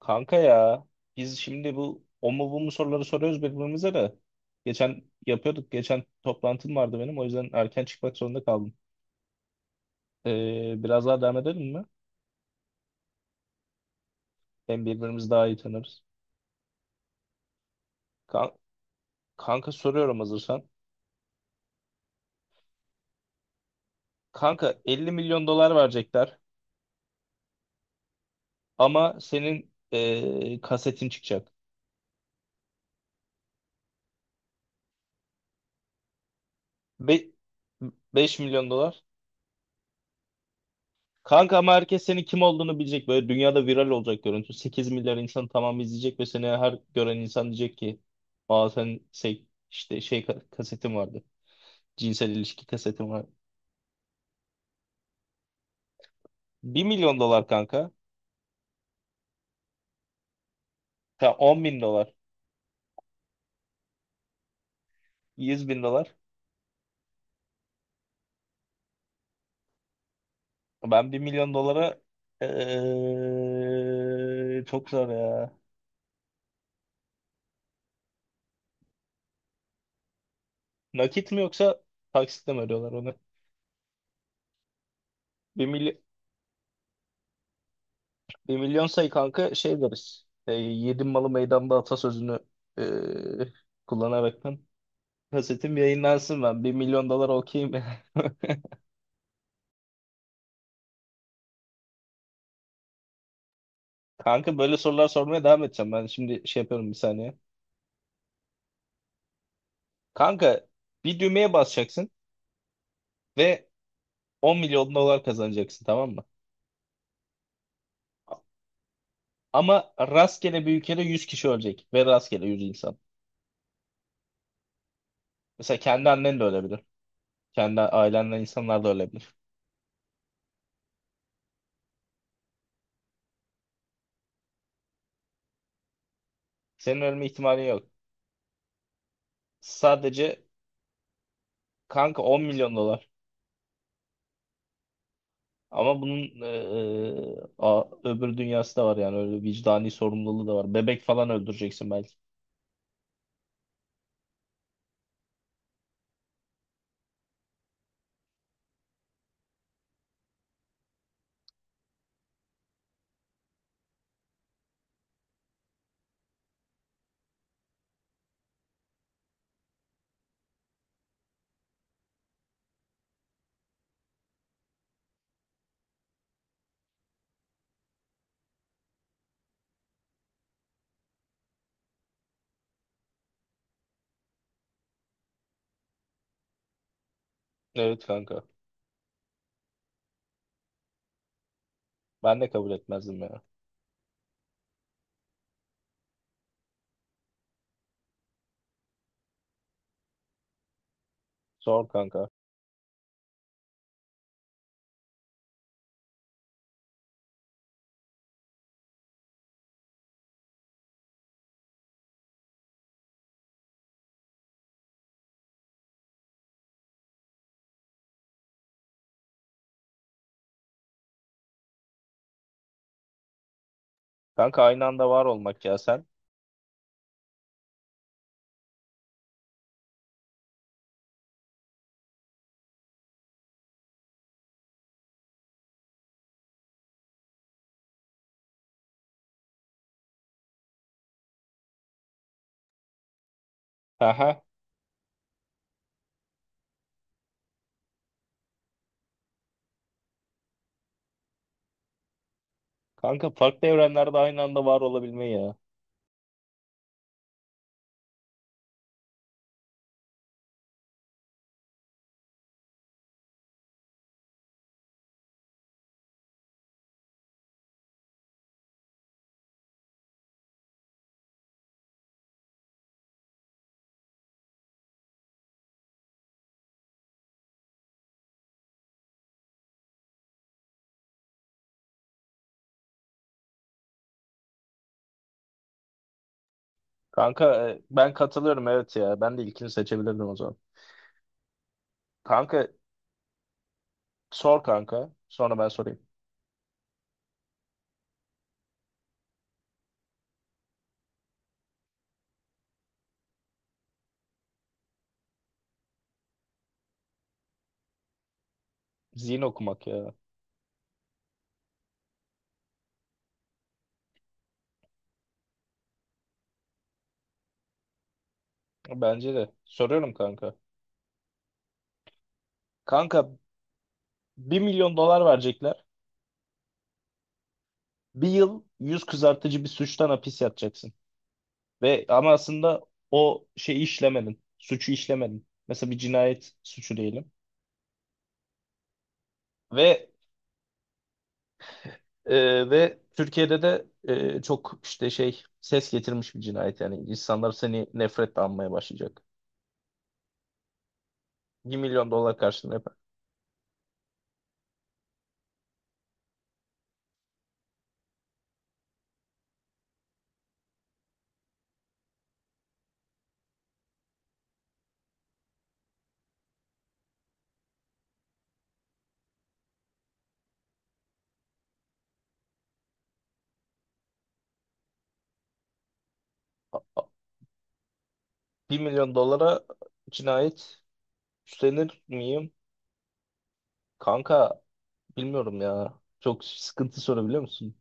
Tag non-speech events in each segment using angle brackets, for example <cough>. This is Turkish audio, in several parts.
Kanka ya, biz şimdi bu o mu bu mu soruları soruyoruz birbirimize de. Geçen yapıyorduk. Geçen toplantım vardı benim. O yüzden erken çıkmak zorunda kaldım. Biraz daha devam edelim mi? Hem birbirimizi daha iyi tanırız. Kan- kanka soruyorum hazırsan. Kanka, 50 milyon dolar verecekler ama senin kasetin çıkacak. Be 5 milyon dolar. Kanka, ama herkes senin kim olduğunu bilecek. Böyle dünyada viral olacak görüntü. 8 milyar insan, tamamı izleyecek ve seni her gören insan diyecek ki: Aa, sen şey, işte şey kasetin vardı. Cinsel ilişki kasetin var. Bir milyon dolar kanka. Ya, 10 bin dolar. 100 bin dolar. Ben 1 milyon dolara çok zor ya. Nakit mi yoksa taksitle mi ödüyorlar onu? 1. Bir milyon sayı kanka, şey deriz. Yedim malı meydanda atasözünü e, kullanarak ben kasetim yayınlansın ben. 1 milyon dolar okeyim. <laughs> Kanka, böyle sorular sormaya devam edeceğim. Ben şimdi şey yapıyorum, bir saniye. Kanka, bir düğmeye basacaksın ve 10 milyon dolar kazanacaksın, tamam mı? Ama rastgele bir ülkede 100 kişi ölecek ve rastgele 100 insan. Mesela kendi annen de ölebilir. Kendi ailenden insanlar da ölebilir. Senin ölme ihtimalin yok. Sadece kanka, 10 milyon dolar. Ama bunun öbür dünyası da var, yani öyle vicdani sorumluluğu da var. Bebek falan öldüreceksin belki. Evet, kanka. Ben de kabul etmezdim ya. Zor, kanka. Kanka, aynı anda var olmak ya sen. Aha. Kanka, farklı evrenlerde aynı anda var olabilme ya. Kanka, ben katılıyorum, evet ya. Ben de ilkini seçebilirdim o zaman. Kanka, sor kanka. Sonra ben sorayım. Zihin okumak ya. Bence de. Soruyorum kanka. Kanka, 1 milyon dolar verecekler. Bir yıl yüz kızartıcı bir suçtan hapis yatacaksın. Ve ama aslında o şeyi işlemedin. Suçu işlemedin. Mesela bir cinayet suçu diyelim. Ve ve Türkiye'de de çok işte şey ses getirmiş bir cinayet, yani insanlar seni nefretle anmaya başlayacak. 1 milyon dolar karşılığında yapar. 1 milyon dolara cinayet üstlenir miyim? Kanka, bilmiyorum ya. Çok sıkıntı sorabiliyor musun?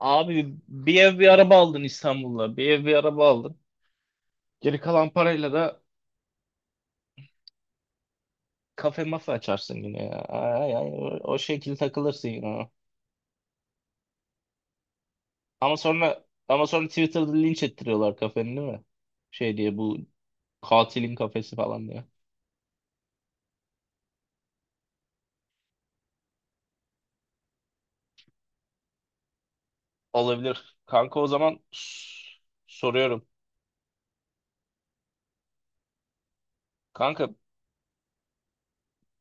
Abi, bir ev bir araba aldın İstanbul'da. Bir ev bir araba aldın. Geri kalan parayla da kafe masa açarsın yine ya. Ay, ay, o şekilde takılırsın yine. Ama sonra Twitter'da linç ettiriyorlar kafeni, değil mi? Şey diye, bu katilin kafesi falan diye. Olabilir. Kanka, o zaman soruyorum. Kanka,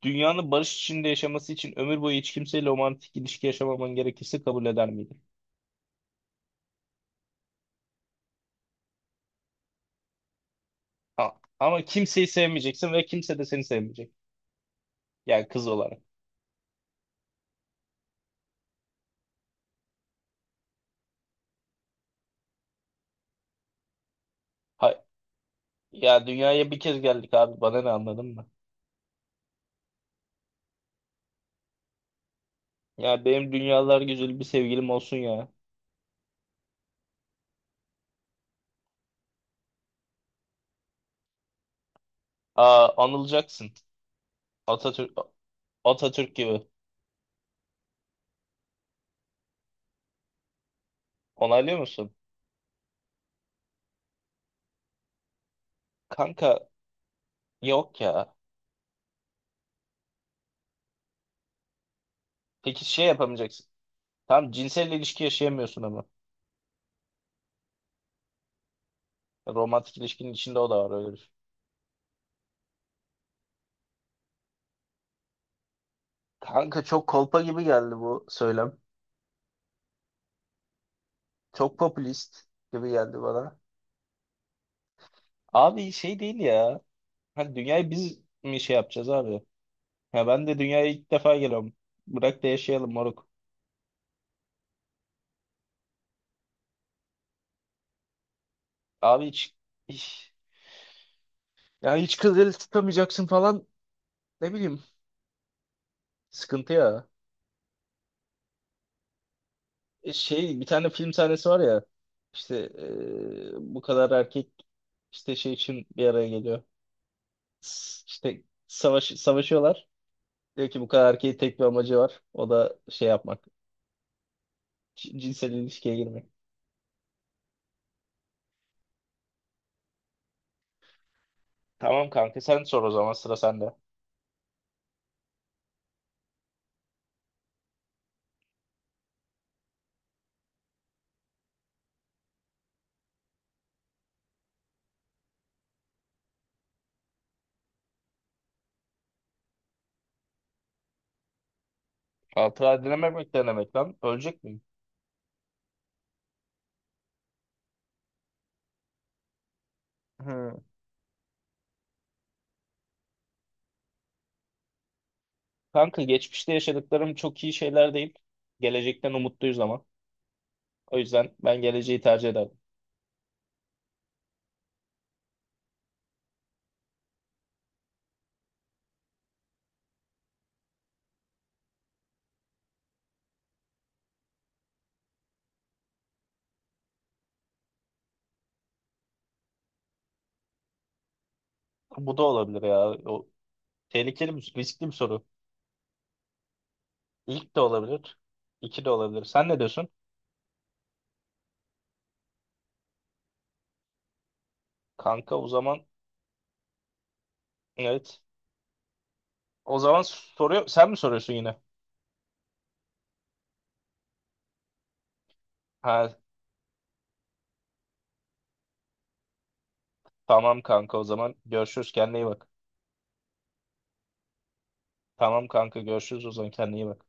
dünyanın barış içinde yaşaması için ömür boyu hiç kimseyle romantik ilişki yaşamaman gerekirse, kabul eder miydin? A- ama kimseyi sevmeyeceksin ve kimse de seni sevmeyecek. Yani kız olarak. Ha, ya dünyaya bir kez geldik abi, bana ne, anladın mı? Ya benim dünyalar güzeli bir sevgilim olsun ya. Aa, anılacaksın. Atatürk Atatürk gibi. Onaylıyor musun? Kanka, yok ya. Peki şey yapamayacaksın. Tam cinsel ilişki yaşayamıyorsun ama. Romantik ilişkinin içinde o da var, öyle bir şey. Kanka, çok kolpa gibi geldi bu söylem. Çok popülist gibi geldi bana. Abi, şey değil ya. Hani dünyayı biz mi şey yapacağız abi? Ya ben de dünyaya ilk defa geliyorum. Bırak da yaşayalım moruk. Abi hiç Ya hiç kız eli tutamayacaksın falan, ne bileyim, sıkıntı ya. Şey, bir tane film sahnesi var ya işte, bu kadar erkek işte şey için bir araya geliyor. İşte savaşıyorlar. Diyor ki bu kadar erkeğin tek bir amacı var. O da şey yapmak. Cinsel ilişkiye girmek. Tamam kanka, sen sor o zaman, sıra sende. Hatıra dinlememek denemek lan. Ölecek miyim? Hı. Kanka, geçmişte yaşadıklarım çok iyi şeyler değil. Gelecekten umutluyuz ama. O yüzden ben geleceği tercih ederdim. Bu da olabilir ya. O riskli bir soru. İlk de olabilir. İki de olabilir. Sen ne diyorsun? Kanka, o zaman evet. O zaman soruyor. Sen mi soruyorsun yine? Ha, tamam kanka, o zaman görüşürüz, kendine iyi bak. Tamam kanka, görüşürüz o zaman, kendine iyi bak.